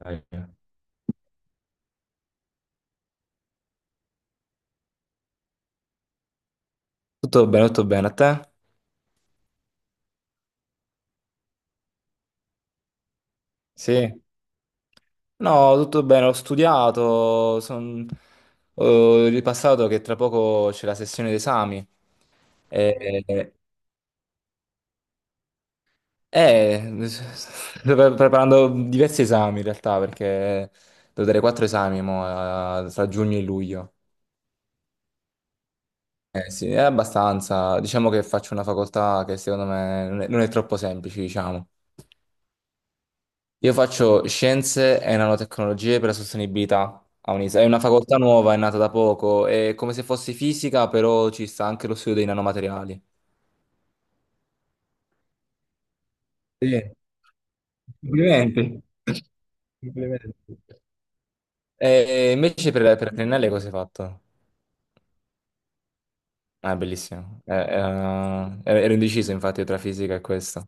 Dai. Tutto bene, tutto bene. A te? Sì. No, tutto bene, ho studiato, ho ripassato che tra poco c'è la sessione d'esami. E... e- Sto preparando diversi esami in realtà, perché devo dare 4 esami mo, tra giugno e luglio. Eh sì, è abbastanza. Diciamo che faccio una facoltà che secondo me non è troppo semplice, diciamo. Io faccio scienze e nanotecnologie per la sostenibilità a Unisa. È una facoltà nuova, è nata da poco, è come se fosse fisica, però ci sta anche lo studio dei nanomateriali. Sì, complimenti. Complimenti. E invece per Triennale cosa hai fatto? Ah, bellissimo. Ero indeciso infatti tra fisica e questo.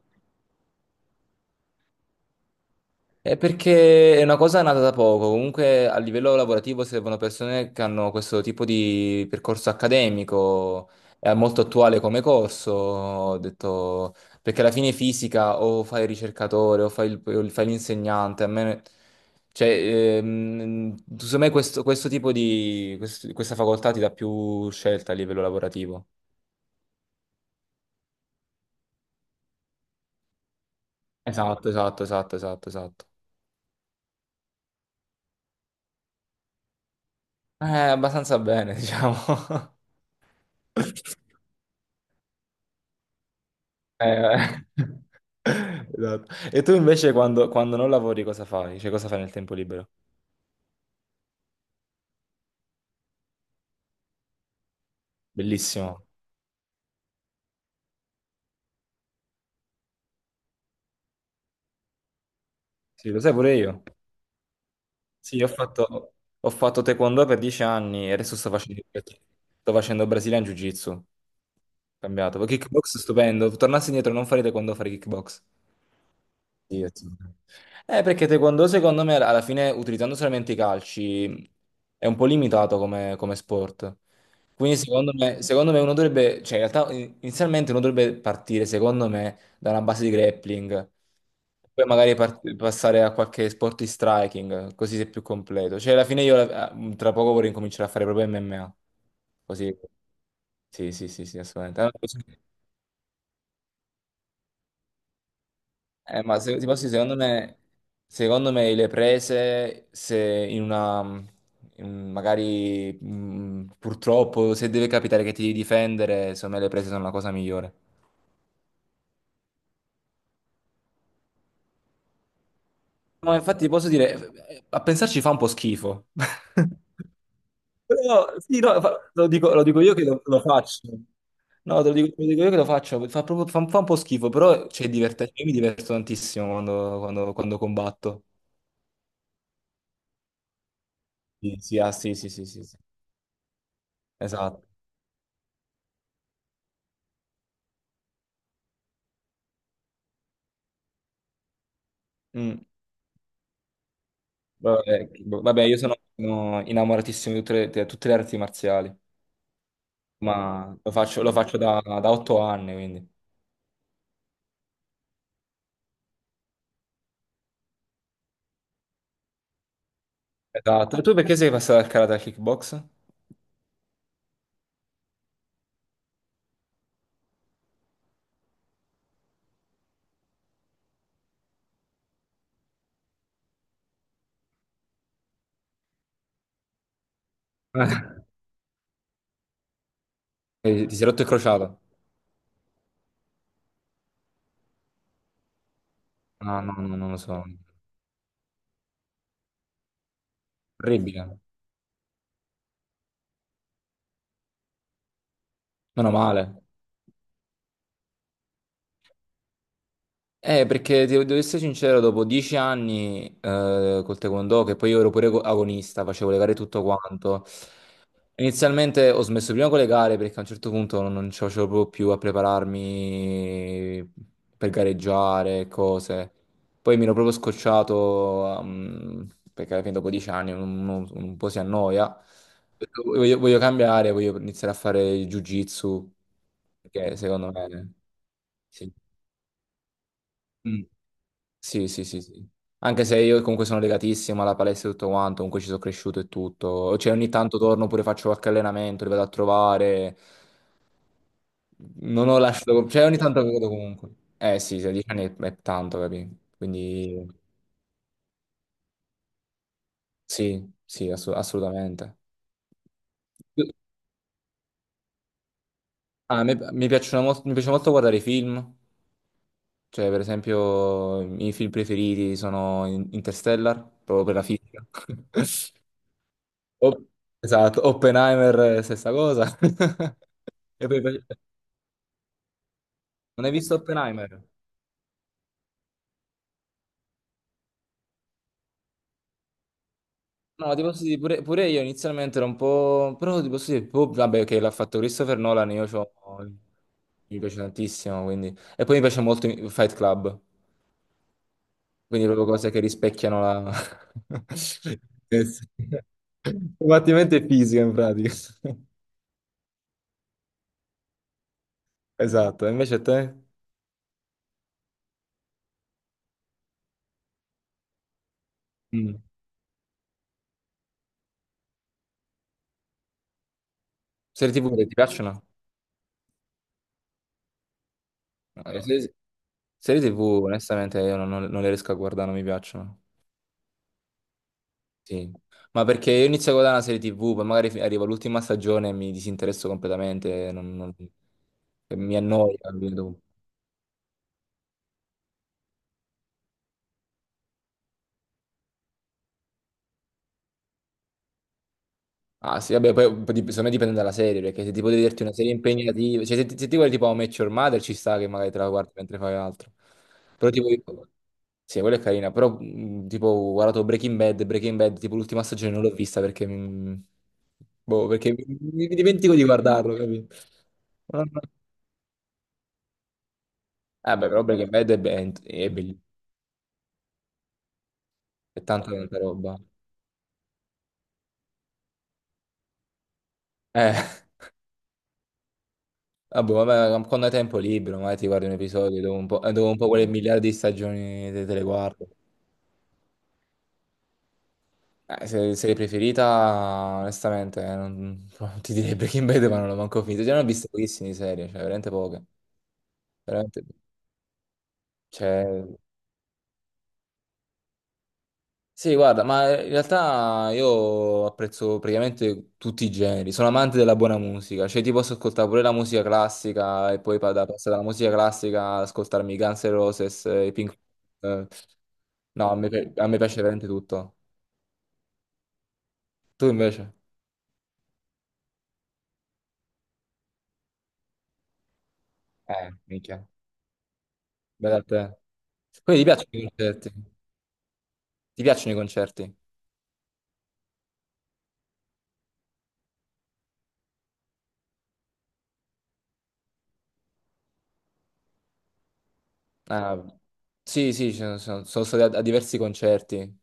È perché è una cosa nata da poco, comunque a livello lavorativo servono persone che hanno questo tipo di percorso accademico, è molto attuale come corso, ho detto, perché alla fine fisica o fai il ricercatore o o fai l'insegnante, a me, cioè, secondo me questo tipo di, questa facoltà ti dà più scelta a livello lavorativo. Esatto, esatto, esatto, esatto, esatto. Eh, abbastanza bene, diciamo. Eh, esatto. E tu invece quando non lavori cosa fai? Cioè cosa fai nel tempo libero? Bellissimo. Sì, lo sai pure io. Sì, ho fatto taekwondo per 10 anni e adesso sto facendo Brazilian Jiu-Jitsu. Cambiato. Poi kickbox stupendo. Tornassi indietro non fare taekwondo, fare kickbox. Sì, attenzione. Perché taekwondo secondo me alla fine utilizzando solamente i calci è un po' limitato come sport. Quindi secondo me uno dovrebbe, cioè in realtà inizialmente uno dovrebbe partire secondo me da una base di grappling, poi magari passare a qualche sport di striking, così sei più completo. Cioè alla fine io tra poco vorrei incominciare a fare proprio MMA. Così, sì, sì, sì, sì, assolutamente. Ah, ma ti posso dire, secondo me le prese, se in una, in- magari purtroppo, se deve capitare che ti devi difendere, secondo me le prese sono la cosa migliore. Ma infatti ti posso dire, a pensarci fa un po' schifo. Però, sì, no, lo dico io che lo faccio. No, te lo dico io che lo faccio, fa un po' schifo, però io mi diverto tantissimo quando, quando combatto. Sì, sì, ah, sì, sì, sì, sì, sì. Esatto. Mm. Vabbè, vabbè, io sono innamoratissimo di tutte le arti marziali, ma lo faccio da 8 anni, quindi. Esatto. E tu perché sei passato dal karate al kickbox? Ti sei rotto il crociato? No, no, no, non lo so. Orribile. Meno male. Perché devo essere sincero, dopo 10 anni col taekwondo, che poi io ero pure agonista, facevo le gare e tutto quanto. Inizialmente ho smesso prima con le gare perché a un certo punto non ce la facevo proprio più a prepararmi per gareggiare e cose. Poi mi ero proprio scocciato perché alla fine dopo 10 anni uno un po' si annoia. Ho detto, voglio cambiare, voglio iniziare a fare il jiu-jitsu perché secondo me sì. Mm. Sì, sì, sì, sì. Anche se io comunque sono legatissimo alla palestra e tutto quanto, comunque ci sono cresciuto e tutto. Cioè ogni tanto torno pure faccio qualche allenamento, li vado a trovare. Non ho lasciato, cioè ogni tanto vedo comunque. Eh sì, 16 anni è tanto, capi? Quindi sì, sì, assolutamente. Ah, mi piacciono molto, mi piace molto guardare i film, cioè per esempio i miei film preferiti sono Interstellar, proprio per la fisica. O- esatto, Oppenheimer, stessa cosa. E poi, non hai visto Oppenheimer? No, ti posso dire, pure io inizialmente ero un po'. Però ti posso dire, boh, vabbè, che l'ha fatto Christopher Nolan, io c'ho. Mi piace tantissimo, quindi. E poi mi piace molto Fight Club, quindi proprio cose che rispecchiano la. Eh sì. Combattimento e fisica, in pratica. Esatto, e invece a te? Mm. Serie TV che ti piacciono? No, serie TV, onestamente, io non le riesco a guardare, non mi piacciono. Sì, ma perché io inizio a guardare una serie TV, poi magari arriva l'ultima stagione e mi disinteresso completamente, e mi annoia. Capito? Ah sì, vabbè, poi secondo me dipende dalla serie, perché se ti puoi vederti una serie impegnativa, cioè se ti guardi tipo How I Met Your Mother ci sta che magari te la guardi mentre fai altro. Però tipo, sì, quella è carina, però tipo ho guardato Breaking Bad, Breaking Bad, tipo l'ultima stagione non l'ho vista perché mi, boh, perché mi dimentico di guardarlo, capito? No, no. Eh beh, però Breaking Bad è bellissimo. È tanta tanta roba. Eh, vabbè, vabbè, quando hai tempo libero, magari ti guardi un episodio dopo un po', quelle miliardi di stagioni te le guardo. Se, serie preferita, onestamente, non, ti direi Breaking Bad, ma non l'ho manco finito. Già ne ho viste pochissime di serie, cioè veramente poche. Veramente, cioè, sì, guarda, ma in realtà io apprezzo praticamente tutti i generi, sono amante della buona musica, cioè ti posso ascoltare pure la musica classica e poi passare dalla musica classica ad ascoltarmi i Guns N' Roses, i Pink Floyd. No, a me piace veramente tutto. Tu invece? Minchia, bella a te. Quindi ti piacciono i concerti? Ti piacciono i concerti? Ah, sì, sì, sono stato a diversi concerti.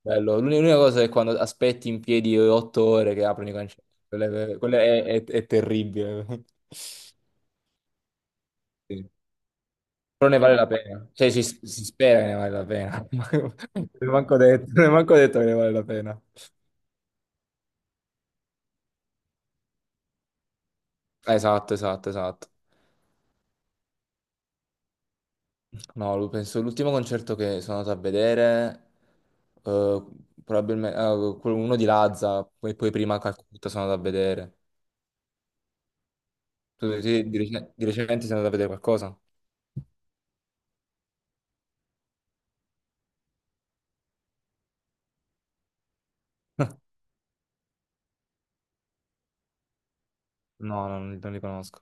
Bello. L'unica cosa è quando aspetti in piedi 8 ore che aprono i concerti. Quella è terribile. Sì. Però ne vale la pena. Cioè, si spera che ne vale la pena. Non è manco detto, non è manco detto che ne vale la pena. Esatto, esatto, esatto. No, penso l'ultimo concerto che sono andato a vedere, probabilmente uno di Lazza, poi prima Calcutta sono andato a vedere. Tu sì, di recente sei andato a vedere qualcosa? No, non li conosco.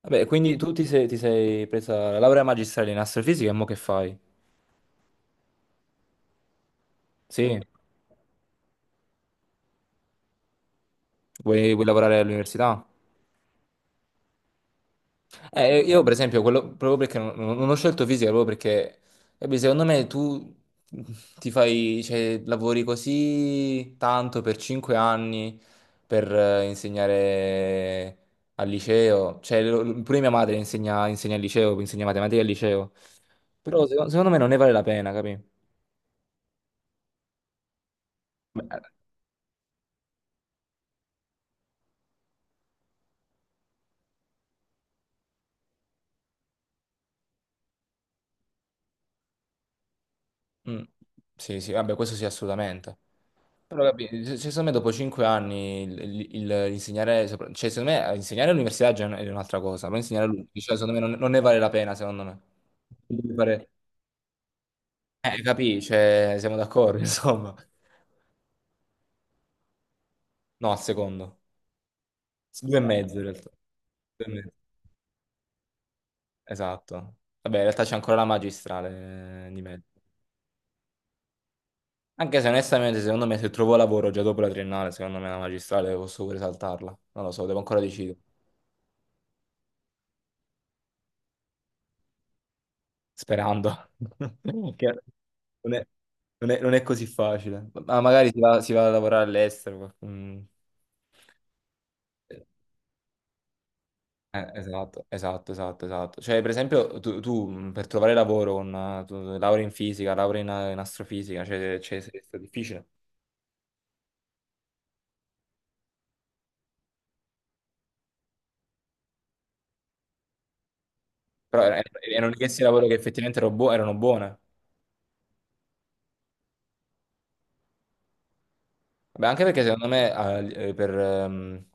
Vabbè, quindi tu ti sei presa la laurea magistrale in astrofisica e mo che fai? Sì? Vuoi lavorare all'università? Io per esempio, quello, proprio perché non ho scelto fisica, proprio perché beh, secondo me tu ti fai, cioè, lavori così tanto per 5 anni per insegnare al liceo, cioè pure mia madre insegna al liceo, insegna matematica al liceo. Però secondo me non ne vale la pena, capì? Beh. Mm. Sì, sì, vabbè, questo sì, assolutamente. Però capi, secondo me dopo 5 anni l'insegnare, cioè secondo me insegnare all'università già è un'altra cosa, però insegnare all'università secondo me non ne vale la pena, secondo me. Devi fare- Capì, cioè, siamo d'accordo, insomma. No, al secondo. Due e mezzo in realtà. Due e mezzo. Esatto. Vabbè, in realtà c'è ancora la magistrale di mezzo. Anche se onestamente, secondo me, se trovo lavoro già dopo la triennale, secondo me la magistrale posso pure saltarla. Non lo so, devo ancora decidere. Sperando. Che non è, non è così facile. Ma magari si va a lavorare all'estero. Mm. Esatto, esatto, esatto, esatto. Cioè, per esempio, tu, per trovare lavoro con laurea in fisica, laurea in astrofisica, cioè, è stato difficile. Però erano richieste di lavoro che effettivamente erano buone. Beh, anche perché secondo me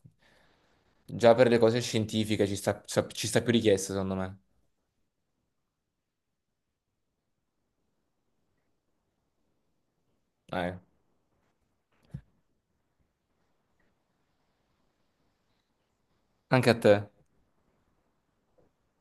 già per le cose scientifiche ci sta, ci sta più richiesta, secondo me. Eh, anche a te.